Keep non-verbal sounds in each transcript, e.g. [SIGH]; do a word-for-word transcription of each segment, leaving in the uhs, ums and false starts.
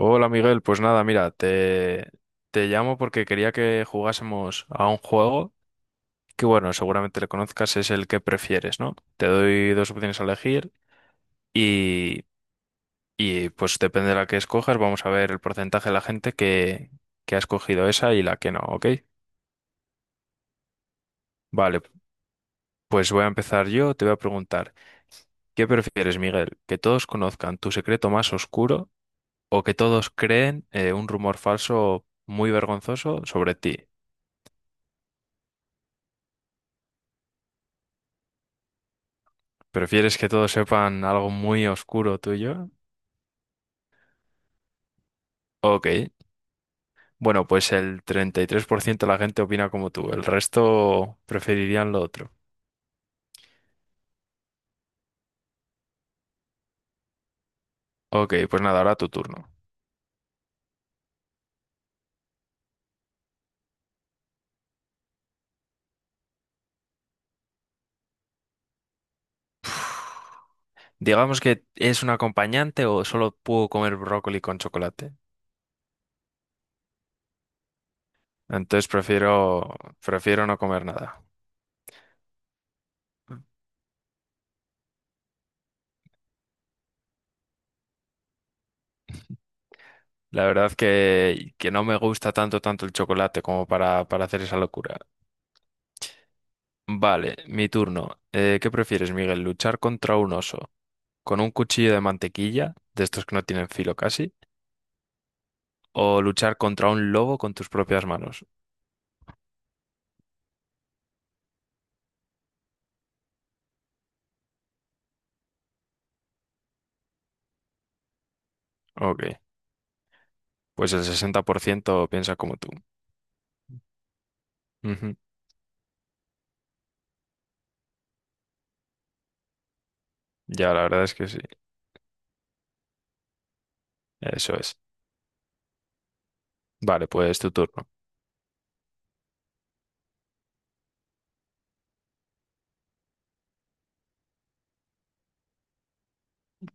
Hola Miguel, pues nada, mira, te, te llamo porque quería que jugásemos a un juego que bueno, seguramente le conozcas, es el que prefieres, ¿no? Te doy dos opciones a elegir y, y, pues depende de la que escojas, vamos a ver el porcentaje de la gente que, que ha escogido esa y la que no, ¿ok? Vale, pues voy a empezar yo, te voy a preguntar, ¿qué prefieres, Miguel? ¿Que todos conozcan tu secreto más oscuro o que todos creen eh, un rumor falso muy vergonzoso sobre ti? ¿Prefieres que todos sepan algo muy oscuro tuyo? Ok. Bueno, pues el treinta y tres por ciento de la gente opina como tú, el resto preferirían lo otro. Ok, pues nada, ahora tu turno. Digamos que es un acompañante o solo puedo comer brócoli con chocolate. Entonces prefiero, prefiero no comer nada. La verdad que, que no me gusta tanto, tanto el chocolate como para, para hacer esa locura. Vale, mi turno. Eh, ¿qué prefieres, Miguel? ¿Luchar contra un oso con un cuchillo de mantequilla, de estos que no tienen filo casi, o luchar contra un lobo con tus propias manos? Ok, pues el sesenta por ciento piensa como tú. Ujú. Ya, la verdad es que sí, eso es. Vale, pues tu turno.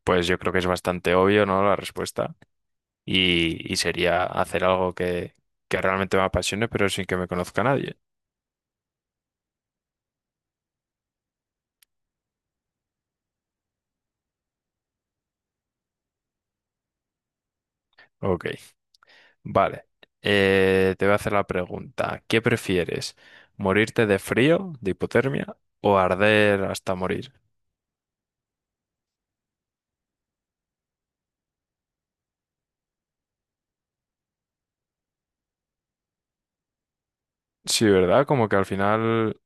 Pues yo creo que es bastante obvio, ¿no? La respuesta. Y, y sería hacer algo que, que realmente me apasione, pero sin que me conozca nadie. Ok, vale. Eh, te voy a hacer la pregunta. ¿Qué prefieres? ¿Morirte de frío, de hipotermia, o arder hasta morir? Sí, ¿verdad? Como que al final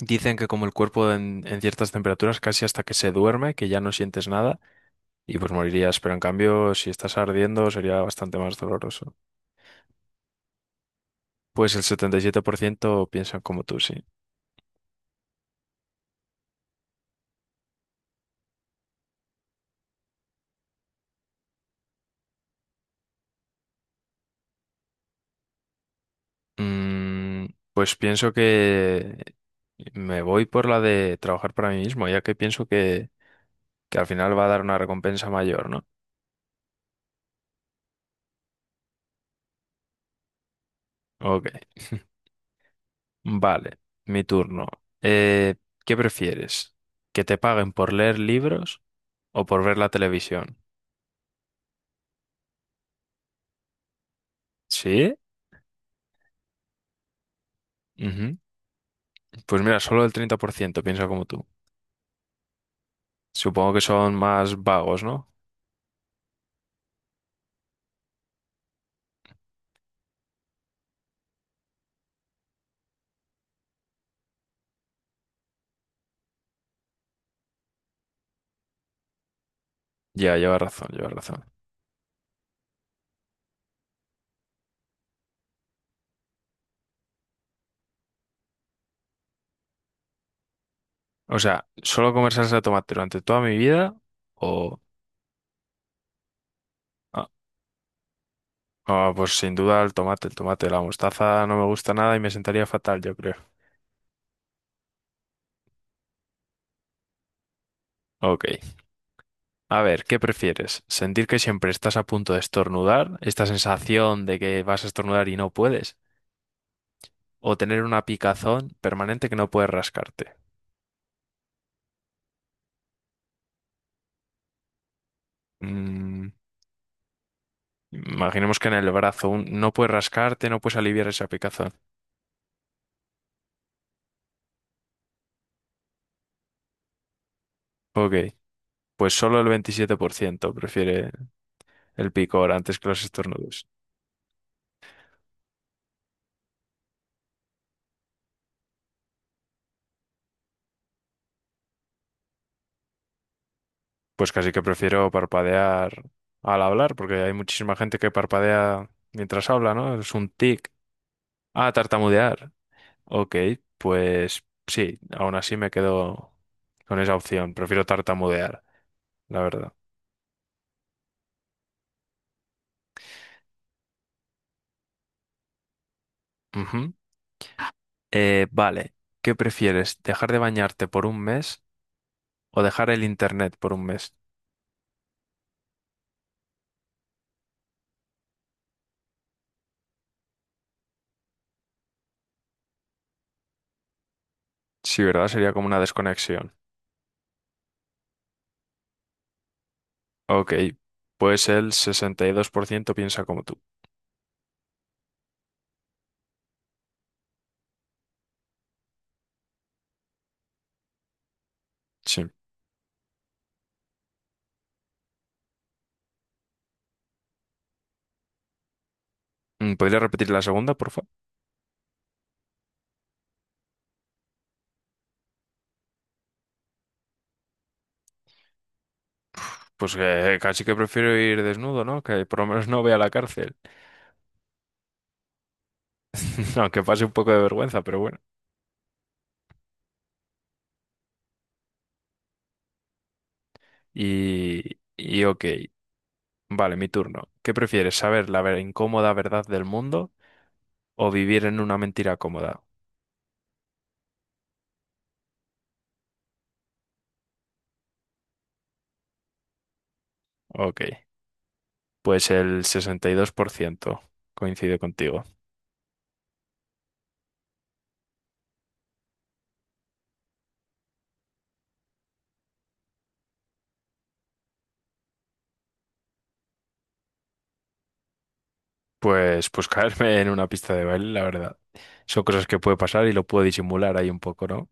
dicen que como el cuerpo en, en ciertas temperaturas casi hasta que se duerme, que ya no sientes nada y pues morirías, pero en cambio si estás ardiendo sería bastante más doloroso. Pues el setenta y siete por ciento piensan como tú, sí. Mm, pues pienso que me voy por la de trabajar para mí mismo, ya que pienso que, que al final va a dar una recompensa mayor, ¿no? Ok, vale, mi turno. Eh, ¿Qué prefieres? ¿Que te paguen por leer libros? O por ver la televisión. ¿Sí? Ujú. Pues mira, solo el treinta por ciento piensa como tú. Supongo que son más vagos, ¿no? Ya, lleva razón, lleva razón. O sea, solo comer salsa de tomate durante toda mi vida o. Ah, ah, pues sin duda el tomate, el tomate, la mostaza no me gusta nada y me sentaría fatal, yo creo. Ok. A ver, ¿qué prefieres? ¿Sentir que siempre estás a punto de estornudar? ¿Esta sensación de que vas a estornudar y no puedes? ¿O tener una picazón permanente que no puedes rascarte? Mm, Imaginemos que en el brazo un- no puedes rascarte, no puedes aliviar esa picazón. Ok, pues solo el veintisiete por ciento prefiere el picor antes que los estornudos. Pues casi que prefiero parpadear al hablar, porque hay muchísima gente que parpadea mientras habla, ¿no? Es un tic. Ah, tartamudear. Ok, pues sí, aún así me quedo con esa opción. Prefiero tartamudear, la verdad. Ujú. Eh, vale, ¿qué prefieres? ¿Dejar de bañarte por un mes o dejar el internet por un mes? Sí, ¿verdad? Sería como una desconexión. Ok, pues el sesenta y dos por ciento piensa como tú. Sí. Mm, ¿Podría repetir la segunda, por favor? Pues que casi que prefiero ir desnudo, ¿no? Que por lo menos no vea la cárcel. [LAUGHS] Aunque pase un poco de vergüenza, pero bueno. Y, y ok, vale, mi turno. ¿Qué prefieres, saber la ver- incómoda verdad del mundo o vivir en una mentira cómoda? Ok, pues el sesenta y dos por ciento coincide contigo. Pues, pues caerme en una pista de baile, la verdad. Son cosas que puede pasar y lo puedo disimular ahí un poco, ¿no?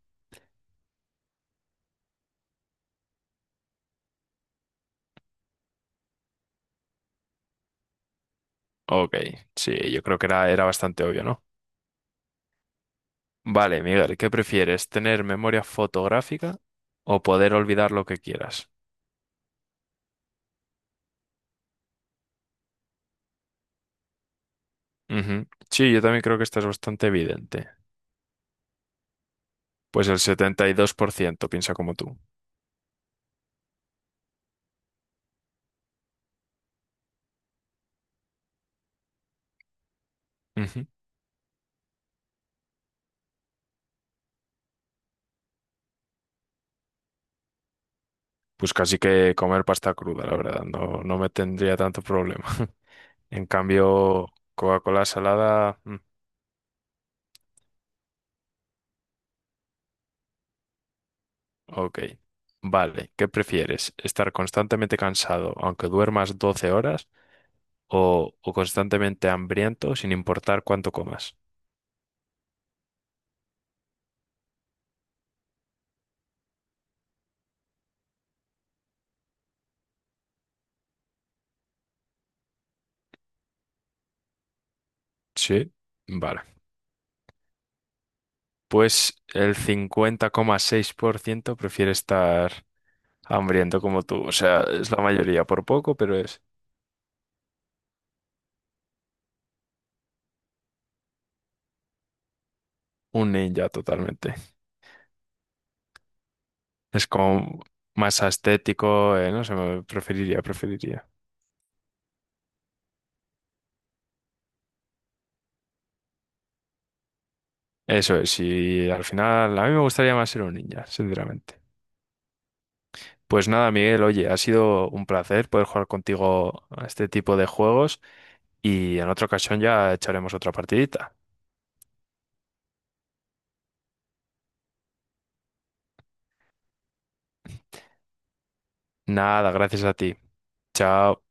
Ok, sí, yo creo que era, era bastante obvio, ¿no? Vale, Miguel, ¿qué prefieres? ¿Tener memoria fotográfica o poder olvidar lo que quieras? Ujú. Sí, yo también creo que esta es bastante evidente. Pues el setenta y dos por ciento piensa como tú. Ujú. Pues casi que comer pasta cruda, la verdad, no, no me tendría tanto problema. [LAUGHS] En cambio, Coca-Cola salada. mm, Ok, vale. ¿Qué prefieres? ¿Estar constantemente cansado aunque duermas doce horas o, o constantemente hambriento sin importar cuánto comas? Sí, vale. Pues el cincuenta coma seis por ciento prefiere estar hambriento como tú. O sea, es la mayoría por poco, pero es un ninja totalmente. Es como más estético, eh, no sé, me- preferiría, preferiría. Eso es, y al final a mí me gustaría más ser un ninja, sinceramente. Pues nada, Miguel, oye, ha sido un placer poder jugar contigo a este tipo de juegos y en otra ocasión ya echaremos otra partidita. Nada, gracias a ti. Chao.